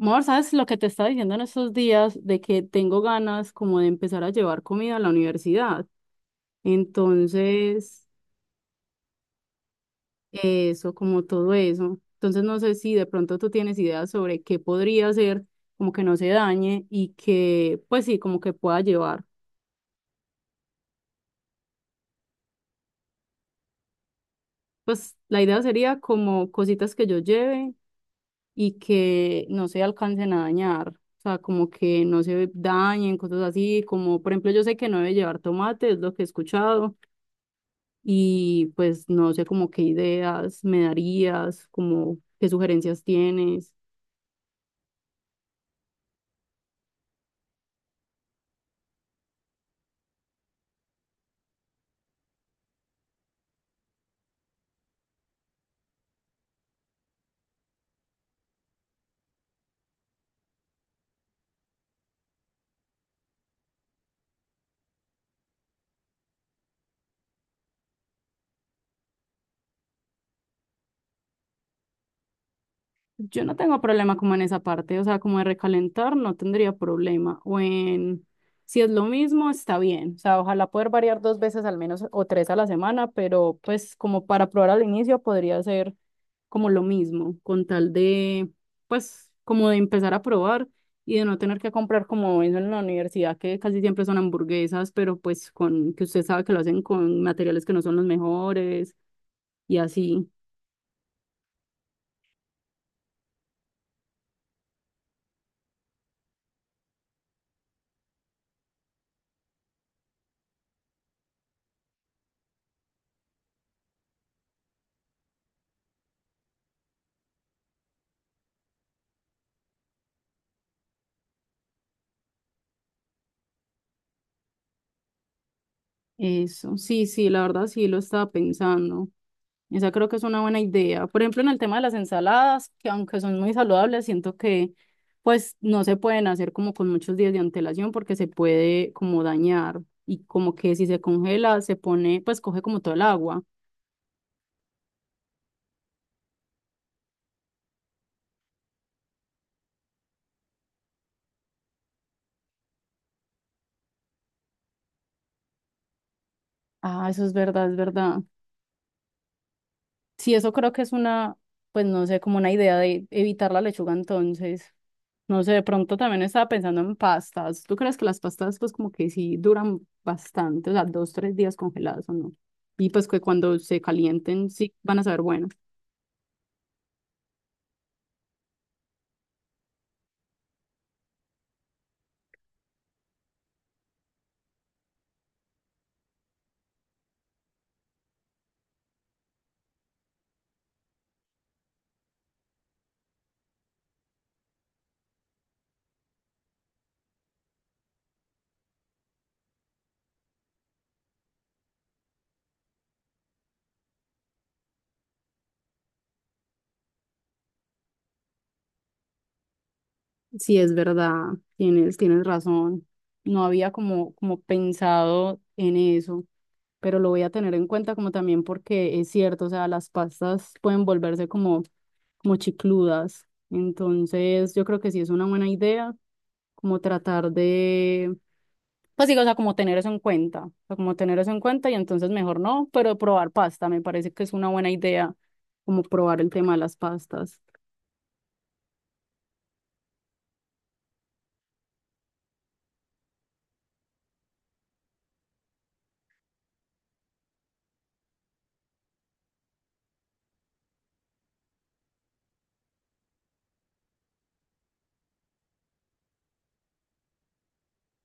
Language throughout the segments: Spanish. Amor, ¿sabes lo que te estaba diciendo en estos días de que tengo ganas como de empezar a llevar comida a la universidad? Entonces, eso, como todo eso. Entonces, no sé si de pronto tú tienes ideas sobre qué podría hacer, como que no se dañe y que, pues sí, como que pueda llevar. Pues la idea sería como cositas que yo lleve y que no se alcancen a dañar. O sea, como que no se dañen, cosas así, como por ejemplo, yo sé que no debe llevar tomate, es lo que he escuchado y pues no sé como qué ideas me darías, como qué sugerencias tienes. Yo no tengo problema como en esa parte, o sea, como de recalentar no tendría problema. O en, si es lo mismo, está bien. O sea, ojalá poder variar dos veces al menos o tres a la semana, pero pues como para probar al inicio podría ser como lo mismo, con tal de, pues como de empezar a probar y de no tener que comprar como eso en la universidad, que casi siempre son hamburguesas, pero pues con, que usted sabe que lo hacen con materiales que no son los mejores y así. Eso, sí, sí, la verdad sí lo estaba pensando. Esa creo que es una buena idea. Por ejemplo, en el tema de las ensaladas, que aunque son muy saludables, siento que pues no se pueden hacer como con muchos días de antelación porque se puede como dañar y como que si se congela se pone, pues coge como todo el agua. Ah, eso es verdad, es verdad. Sí, eso creo que es una, pues no sé, como una idea de evitar la lechuga entonces. No sé, de pronto también estaba pensando en pastas. ¿Tú crees que las pastas pues como que sí duran bastante, o sea, dos, tres días congeladas o no? Y pues que cuando se calienten sí van a saber bueno. Sí, es verdad, tienes razón. No había como, como pensado en eso, pero lo voy a tener en cuenta como también porque es cierto, o sea, las pastas pueden volverse como como chicludas. Entonces, yo creo que sí es una buena idea, como tratar de, pues digo, o sea, como tener eso en cuenta, o sea, como tener eso en cuenta y entonces mejor no, pero probar pasta, me parece que es una buena idea, como probar el tema de las pastas.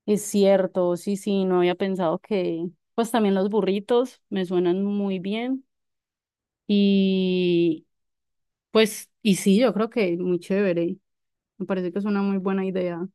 Es cierto, sí, sí, no había pensado que, pues también los burritos me suenan muy bien y pues, y sí, yo creo que muy chévere, me parece que es una muy buena idea.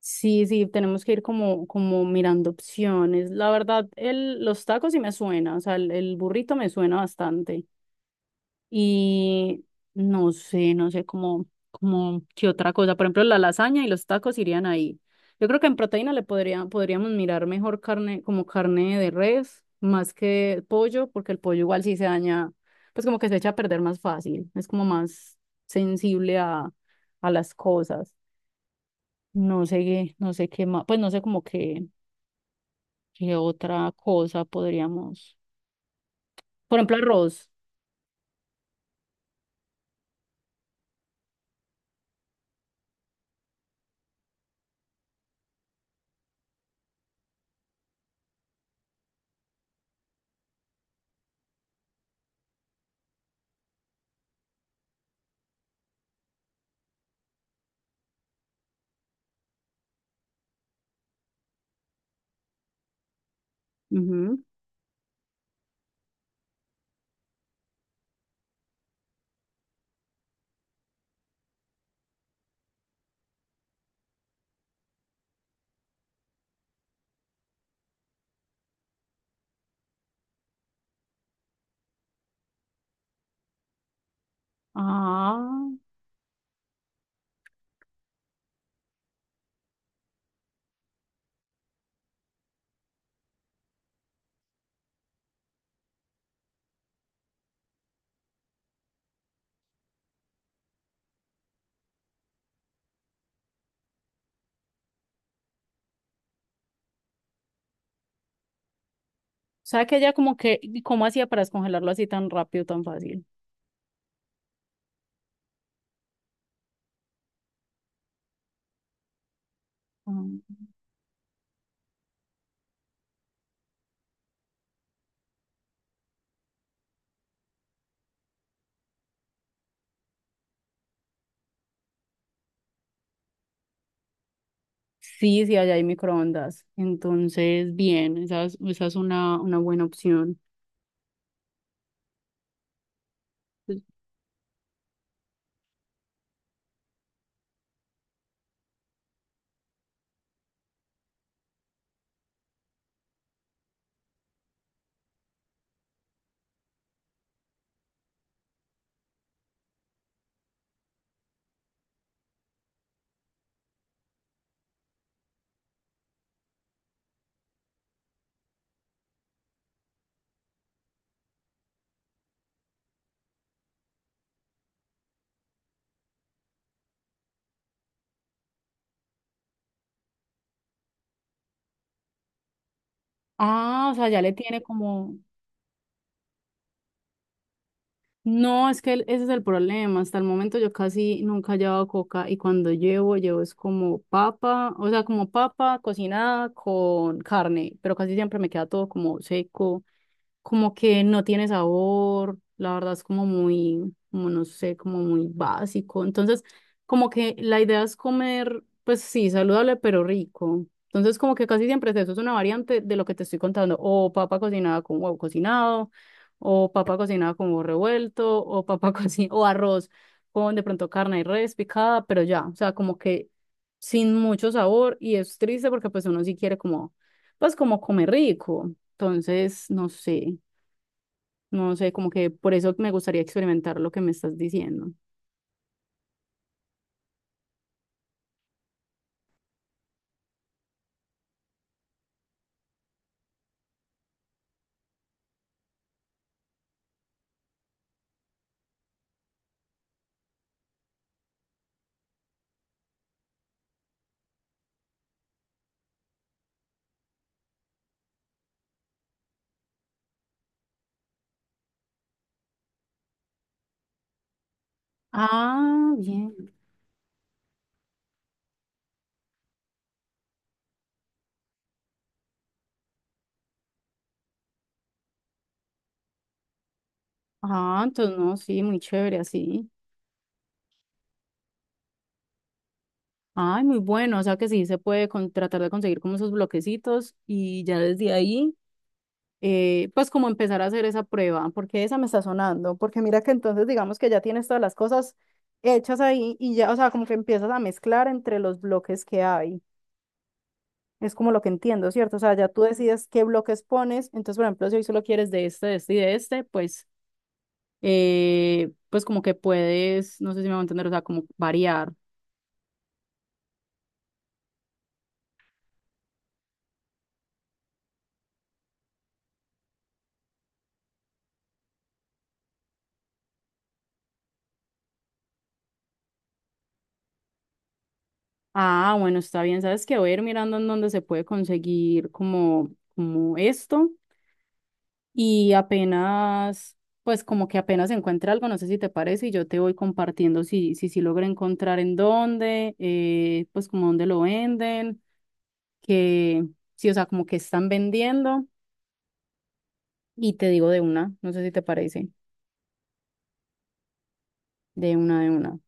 Sí, sí, tenemos que ir como, como mirando opciones. La verdad, el, los tacos sí me suena, o sea, el burrito me suena bastante. Y no sé, no sé cómo, cómo, qué otra cosa. Por ejemplo, la lasaña y los tacos irían ahí. Yo creo que en proteína le podría, podríamos mirar mejor carne, como carne de res, más que pollo, porque el pollo igual sí se daña, pues como que se echa a perder más fácil, es como más sensible a las cosas. No sé, qué- no sé qué más, pues no sé como que, qué otra cosa podríamos. Por ejemplo, arroz. Ujú. Ah, o sea que ella como que, ¿y ¿cómo hacía para descongelarlo así tan rápido, tan fácil? Ah, Sí, sí, allá hay microondas. Entonces, bien, esa es una buena opción. Ah, o sea, ya le tiene como, No, es que el- ese es el problema. Hasta el momento yo casi nunca he llevado coca y cuando llevo, llevo es como papa, o sea, como papa cocinada con carne, pero casi siempre me queda todo como seco como que no tiene sabor, la verdad es como muy, como no sé, como muy básico. Entonces, como que la idea es comer, pues sí, saludable, pero rico. Entonces, como que casi siempre es eso, es una variante de lo que te estoy contando, o papa cocinada con huevo cocinado, o papa cocinada con huevo revuelto, o papa cocinada, o arroz con de pronto carne y res picada, pero ya, o sea, como que sin mucho sabor, y es triste porque pues uno sí quiere como, pues como comer rico. Entonces, no sé, no sé, como que por eso me gustaría experimentar lo que me estás diciendo. Ah, bien. Ah, entonces no, sí, muy chévere, así. Ay, muy bueno. O sea que sí se puede con- tratar de conseguir como esos bloquecitos y ya desde ahí, pues como empezar a hacer esa prueba, porque esa me está sonando. Porque mira que entonces digamos que ya tienes todas las cosas hechas ahí y ya, o sea, como que empiezas a mezclar entre los bloques que hay. Es como lo que entiendo, ¿cierto? O sea, ya tú decides qué bloques pones. Entonces, por ejemplo, si hoy solo quieres de este y de este, pues, pues como que puedes, no sé si me va a entender, o sea, como variar. Ah, bueno, está bien. Sabes que voy a ir mirando en dónde se puede conseguir como, como esto y apenas, pues como que apenas encuentre algo, no sé si te parece y yo te voy compartiendo si logro encontrar en dónde, pues como dónde lo venden, que, sí, o sea, como que están vendiendo. Y te digo de una, no sé si te parece, de una, de una.